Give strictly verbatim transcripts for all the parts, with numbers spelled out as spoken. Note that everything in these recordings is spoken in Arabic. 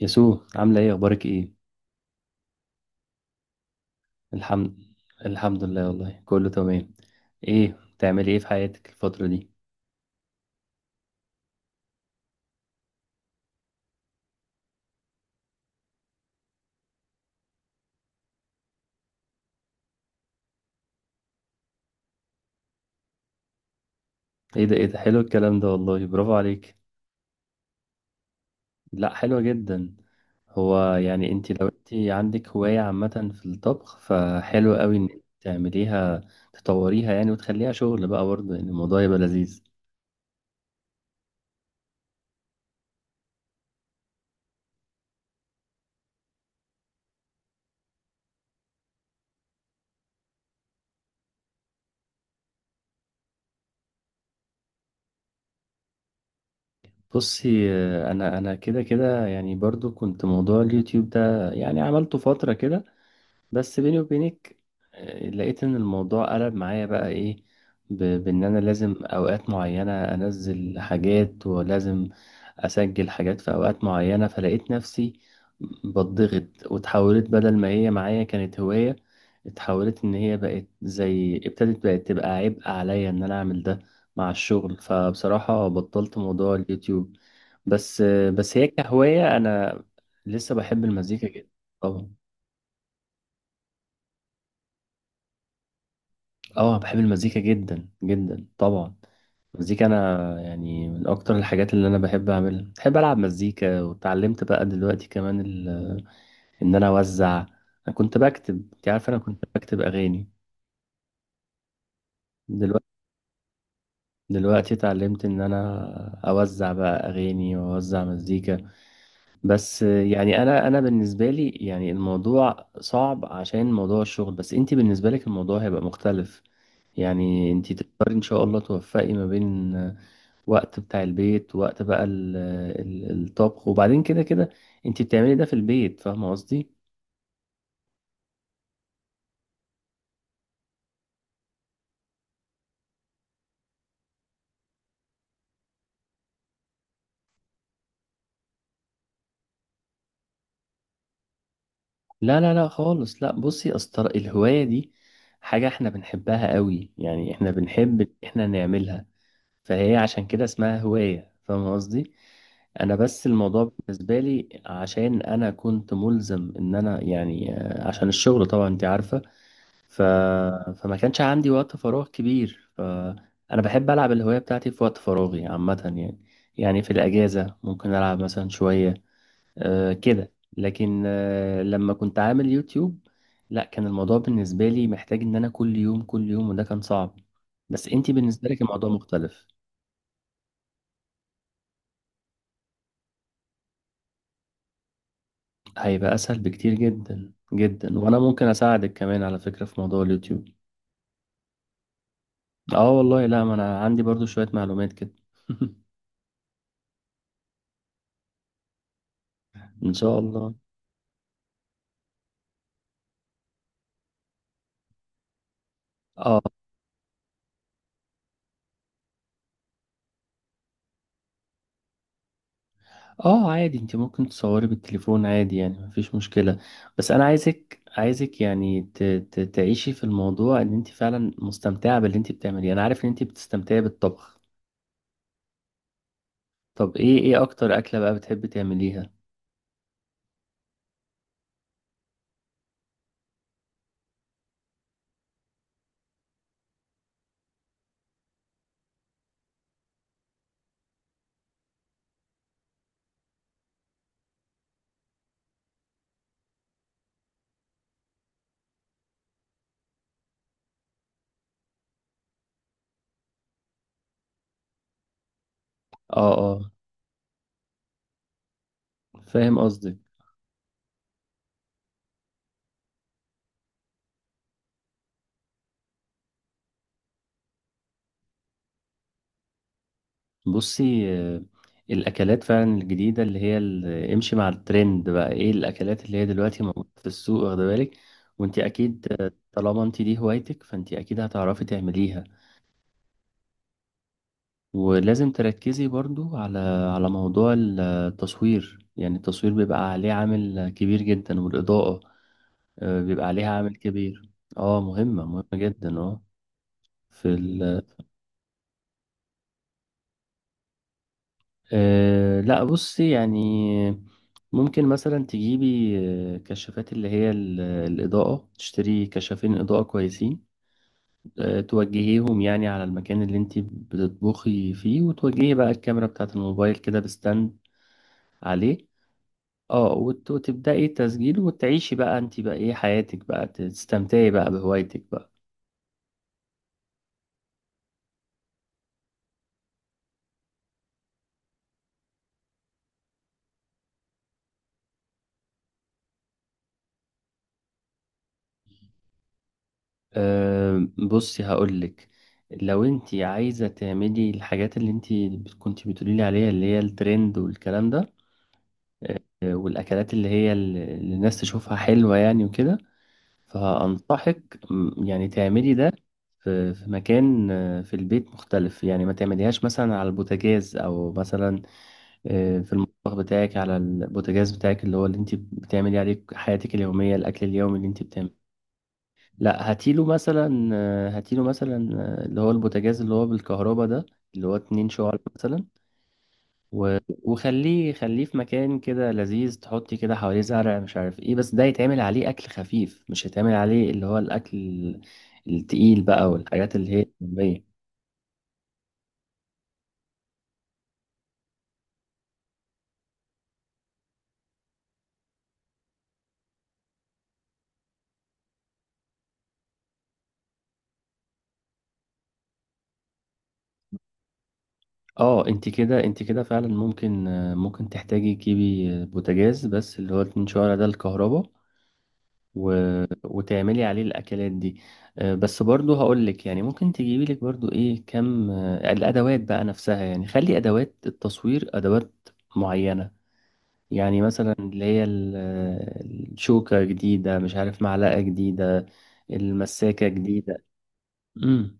يسوع، عاملة ايه؟ اخبارك ايه؟ الحمد الحمد لله، والله كله تمام. ايه بتعملي ايه في حياتك الفترة دي؟ ايه ده، ايه ده، حلو الكلام ده والله، برافو عليك. لا، حلو جدا. هو يعني انت، لو انت عندك هواية عامة في الطبخ، فحلو قوي ان انت تعمليها، تطوريها يعني، وتخليها شغل بقى برضه يعني الموضوع يبقى لذيذ. بصي، آه، انا انا كده كده يعني برضه كنت موضوع اليوتيوب ده يعني عملته فترة كده. بس بيني وبينك، آه، لقيت ان الموضوع قلب معايا بقى ايه، ب- بان انا لازم اوقات معينة انزل حاجات، ولازم اسجل حاجات في اوقات معينة، فلقيت نفسي بتضغط. وتحولت، بدل ما هي معايا كانت هواية، اتحولت ان هي بقت، زي ابتدت بقت تبقى عبء عليا ان انا اعمل ده مع الشغل. فبصراحة بطلت موضوع اليوتيوب. بس آه، بس هي كهواية، انا لسه بحب المزيكا جدا طبعا. اه، بحب المزيكا جدا جدا طبعا. المزيكا انا يعني من اكتر الحاجات اللي انا بحب اعملها، بحب العب مزيكا، واتعلمت بقى دلوقتي كمان ال... ان انا اوزع. انا كنت بكتب، انت عارف، انا كنت بكتب اغاني. دلوقتي دلوقتي اتعلمت ان انا اوزع بقى اغاني واوزع مزيكا. بس يعني انا انا بالنسبه لي يعني الموضوع صعب عشان موضوع الشغل، بس انت بالنسبه لك الموضوع هيبقى مختلف. يعني انت تقدري ان شاء الله توفقي ما بين وقت بتاع البيت، وقت بقى ال- ال- الطبخ، وبعدين كده كده انت بتعملي ده في البيت، فاهمه قصدي. لا لا لا خالص، لا بصي اصل الهوايه دي حاجه احنا بنحبها قوي، يعني احنا بنحب إن احنا نعملها. فهي عشان كده اسمها هوايه، فاهمه قصدي. انا بس الموضوع بالنسبه لي عشان انا كنت ملزم ان انا يعني، آه، عشان الشغل طبعا انت عارفه. ف... فما كانش عندي وقت فراغ كبير، فأنا بحب ألعب الهواية بتاعتي في وقت فراغي عامة يعني. يعني في الأجازة ممكن ألعب مثلا شوية أه كده، لكن أه لما كنت عامل يوتيوب، لا، كان الموضوع بالنسبة لي محتاج إن أنا كل يوم كل يوم، وده كان صعب. بس أنتي بالنسبة لك الموضوع مختلف، هيبقى أسهل بكتير جدا جدا. وأنا ممكن أساعدك كمان على فكرة في موضوع اليوتيوب. آه والله، لا ما أنا عندي برضو شوية معلومات كده. إن شاء الله. اه اه، عادي، انت ممكن تصوري بالتليفون عادي، يعني مفيش مشكلة. بس انا عايزك عايزك يعني ت... ت... تعيشي في الموضوع، ان انت فعلا مستمتعة باللي انت بتعمليه. انا عارف ان انت بتستمتعي بالطبخ. طب ايه ايه اكتر اكلة بقى بتحبي تعمليها؟ اه اه، فاهم قصدك. بصي، آه، الاكلات فعلا الجديدة اللي هي ال- امشي مع الترند، بقى ايه الاكلات اللي هي دلوقتي موجودة في السوق، واخده بالك. وانت اكيد، آه، طالما انت دي هوايتك، فانت اكيد هتعرفي تعمليها. ولازم تركزي برضو على على موضوع التصوير، يعني التصوير بيبقى عليه عامل كبير جدا، والإضاءة آه، بيبقى عليها عامل كبير. اه، مهمة مهمة جدا، اه. في ال آه لا بصي، يعني ممكن مثلا تجيبي آه، كشافات اللي هي ال- الإضاءة، تشتري كشافين إضاءة كويسين. آه، توجهيهم يعني على المكان اللي انت بتطبخي فيه، وتوجهي بقى الكاميرا بتاعة الموبايل كده بستاند عليه. اه، وت- وتبدأي تسجيل، وتعيشي بقى انت بقى ايه حياتك بقى، تستمتعي بقى بهوايتك بقى. أه بصي هقولك، لو انت عايزة تعملي الحاجات اللي انت كنت بتقولي لي عليها اللي هي الترند والكلام ده، آه، والاكلات اللي هي ال- اللي الناس تشوفها حلوة يعني وكده. فأنصحك م، يعني تعملي ده في في مكان، آه، في البيت مختلف، يعني ما تعمليهاش مثلا على البوتاجاز، او مثلا آه، في المطبخ بتاعك على البوتاجاز بتاعك اللي هو اللي انت بتعملي عليه حياتك اليومية، الأكل اليومي اللي انت بتعمله. لا، هاتيله مثلا آه، هاتيله مثلا، آه، اللي هو البوتاجاز اللي هو بالكهرباء ده، اللي هو اتنين شعل مثلا. و... وخليه خليه في مكان كده لذيذ، تحطي كده حواليه زرع مش عارف ايه، بس ده يتعمل عليه أكل خفيف، مش هيتعمل عليه اللي هو الأكل التقيل بقى، والحاجات اللي هي اليومية. اه، انت كده، انت كده فعلا ممكن، آه، ممكن تحتاجي تجيبي آه، بوتاجاز، بس اللي هو اتنين شعلة ده الكهرباء. و... وتعملي عليه الاكلات دي. آه، بس برضه هقول لك يعني ممكن تجيبي لك برضه ايه كم، آه، الادوات بقى نفسها، يعني خلي ادوات التصوير ادوات معينة. يعني مثلا اللي هي ال- آه، الشوكة جديدة، مش عارف معلقة جديدة، المساكة جديدة. امم.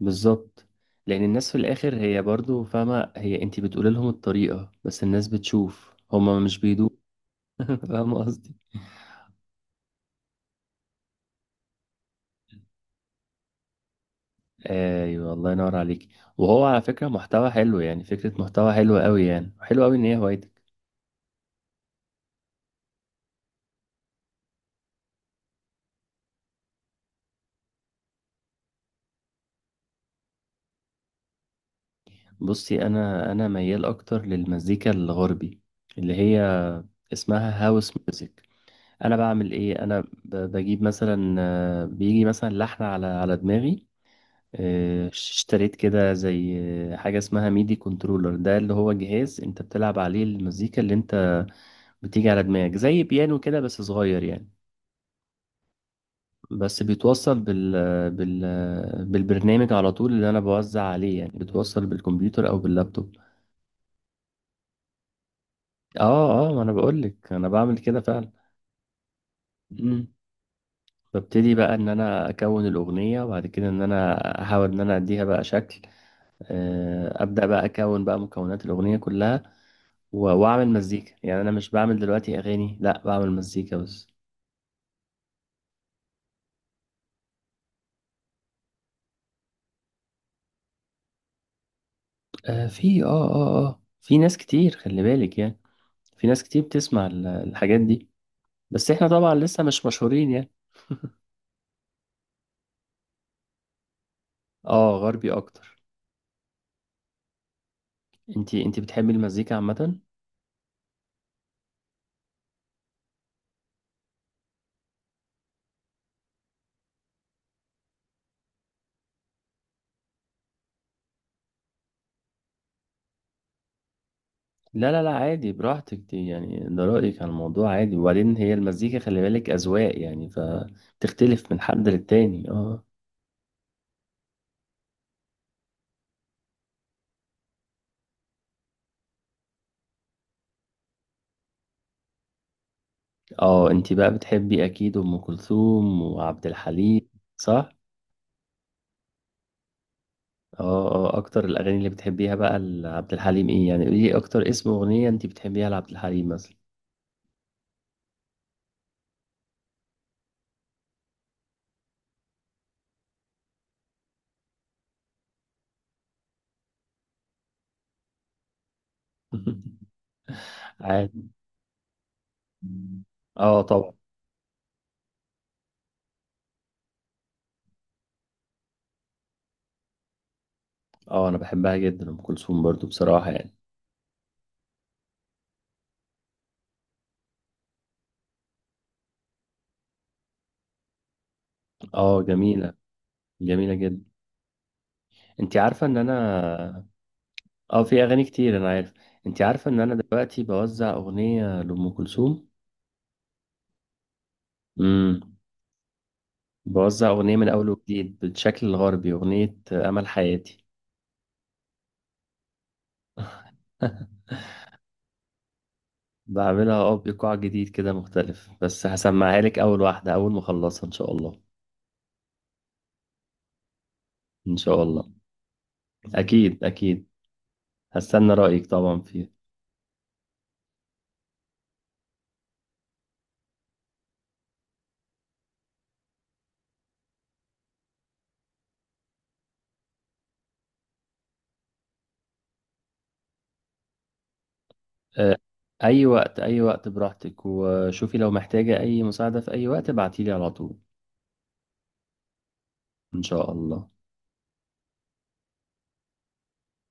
بالظبط. لان الناس في الاخر هي برضو فاهمه، هي انت بتقول لهم الطريقه، بس الناس بتشوف، هما مش بيدوق. فاهمه قصدي. ايوه الله ينور عليك. وهو على فكره محتوى حلو، يعني فكره محتوى حلوه قوي، يعني حلو قوي ان هي هوايتك. بصي، انا انا ميال اكتر للمزيكا الغربي، اللي هي اسمها هاوس ميوزك. انا بعمل ايه؟ انا ب- بجيب مثلا، آه، بيجي مثلا لحن على على دماغي، آه، اشتريت كده زي آه، حاجة اسمها ميدي كنترولر. ده اللي هو جهاز انت بتلعب عليه المزيكا اللي انت بتيجي على دماغك، زي بيانو كده بس صغير يعني. بس بيتوصل بال... بال... بالبرنامج على طول، اللي انا بوزع عليه، يعني بتوصل بالكمبيوتر او باللابتوب. اه اه، ما انا بقولك انا بعمل كده فعلا. مم. ببتدي بقى ان انا اكون الاغنيه، وبعد كده ان انا احاول ان انا اديها بقى شكل، آه، ابدا بقى اكون بقى مكونات الاغنيه كلها و- واعمل مزيكا. يعني انا مش بعمل دلوقتي اغاني، لا بعمل مزيكا بس. آه في اه اه اه في ناس كتير خلي بالك يعني، في ناس كتير بتسمع ال- الحاجات دي، بس احنا طبعا لسه مش مشهورين يعني. اه، غربي اكتر. انتي انتي بتحبي المزيكا عامة؟ لا لا لا، عادي براحتك، دي يعني ده رأيك على الموضوع عادي. وبعدين هي المزيكا خلي بالك أذواق، يعني فبتختلف من حد للتاني، اه. اه، انتي بقى بتحبي اكيد ام كلثوم وعبد الحليم، صح؟ اه اه، اكتر الاغاني اللي بتحبيها بقى لعبد الحليم ايه يعني؟ قولي لي اكتر اسم اغنيه انت بتحبيها لعبد الحليم مثلا. عادي، اه طبعا. اه انا بحبها جدا ام كلثوم برضو بصراحه يعني. اه، جميله، جميله جدا. انت عارفه ان انا، اه في اغاني كتير انا عارف. انت عارفه ان انا دلوقتي بوزع اغنيه لام كلثوم؟ امم. بوزع اغنيه من اول وجديد بالشكل الغربي، اغنيه امل حياتي. بعملها اه بايقاع جديد كده مختلف، بس هسمعها لك اول واحده اول ما اخلصها ان شاء الله. ان شاء الله، اكيد اكيد هستنى رايك طبعا فيها. آه، اي وقت، اي وقت براحتك، وشوفي لو محتاجه اي مساعده في اي وقت ابعتيلي على طول. ان شاء الله.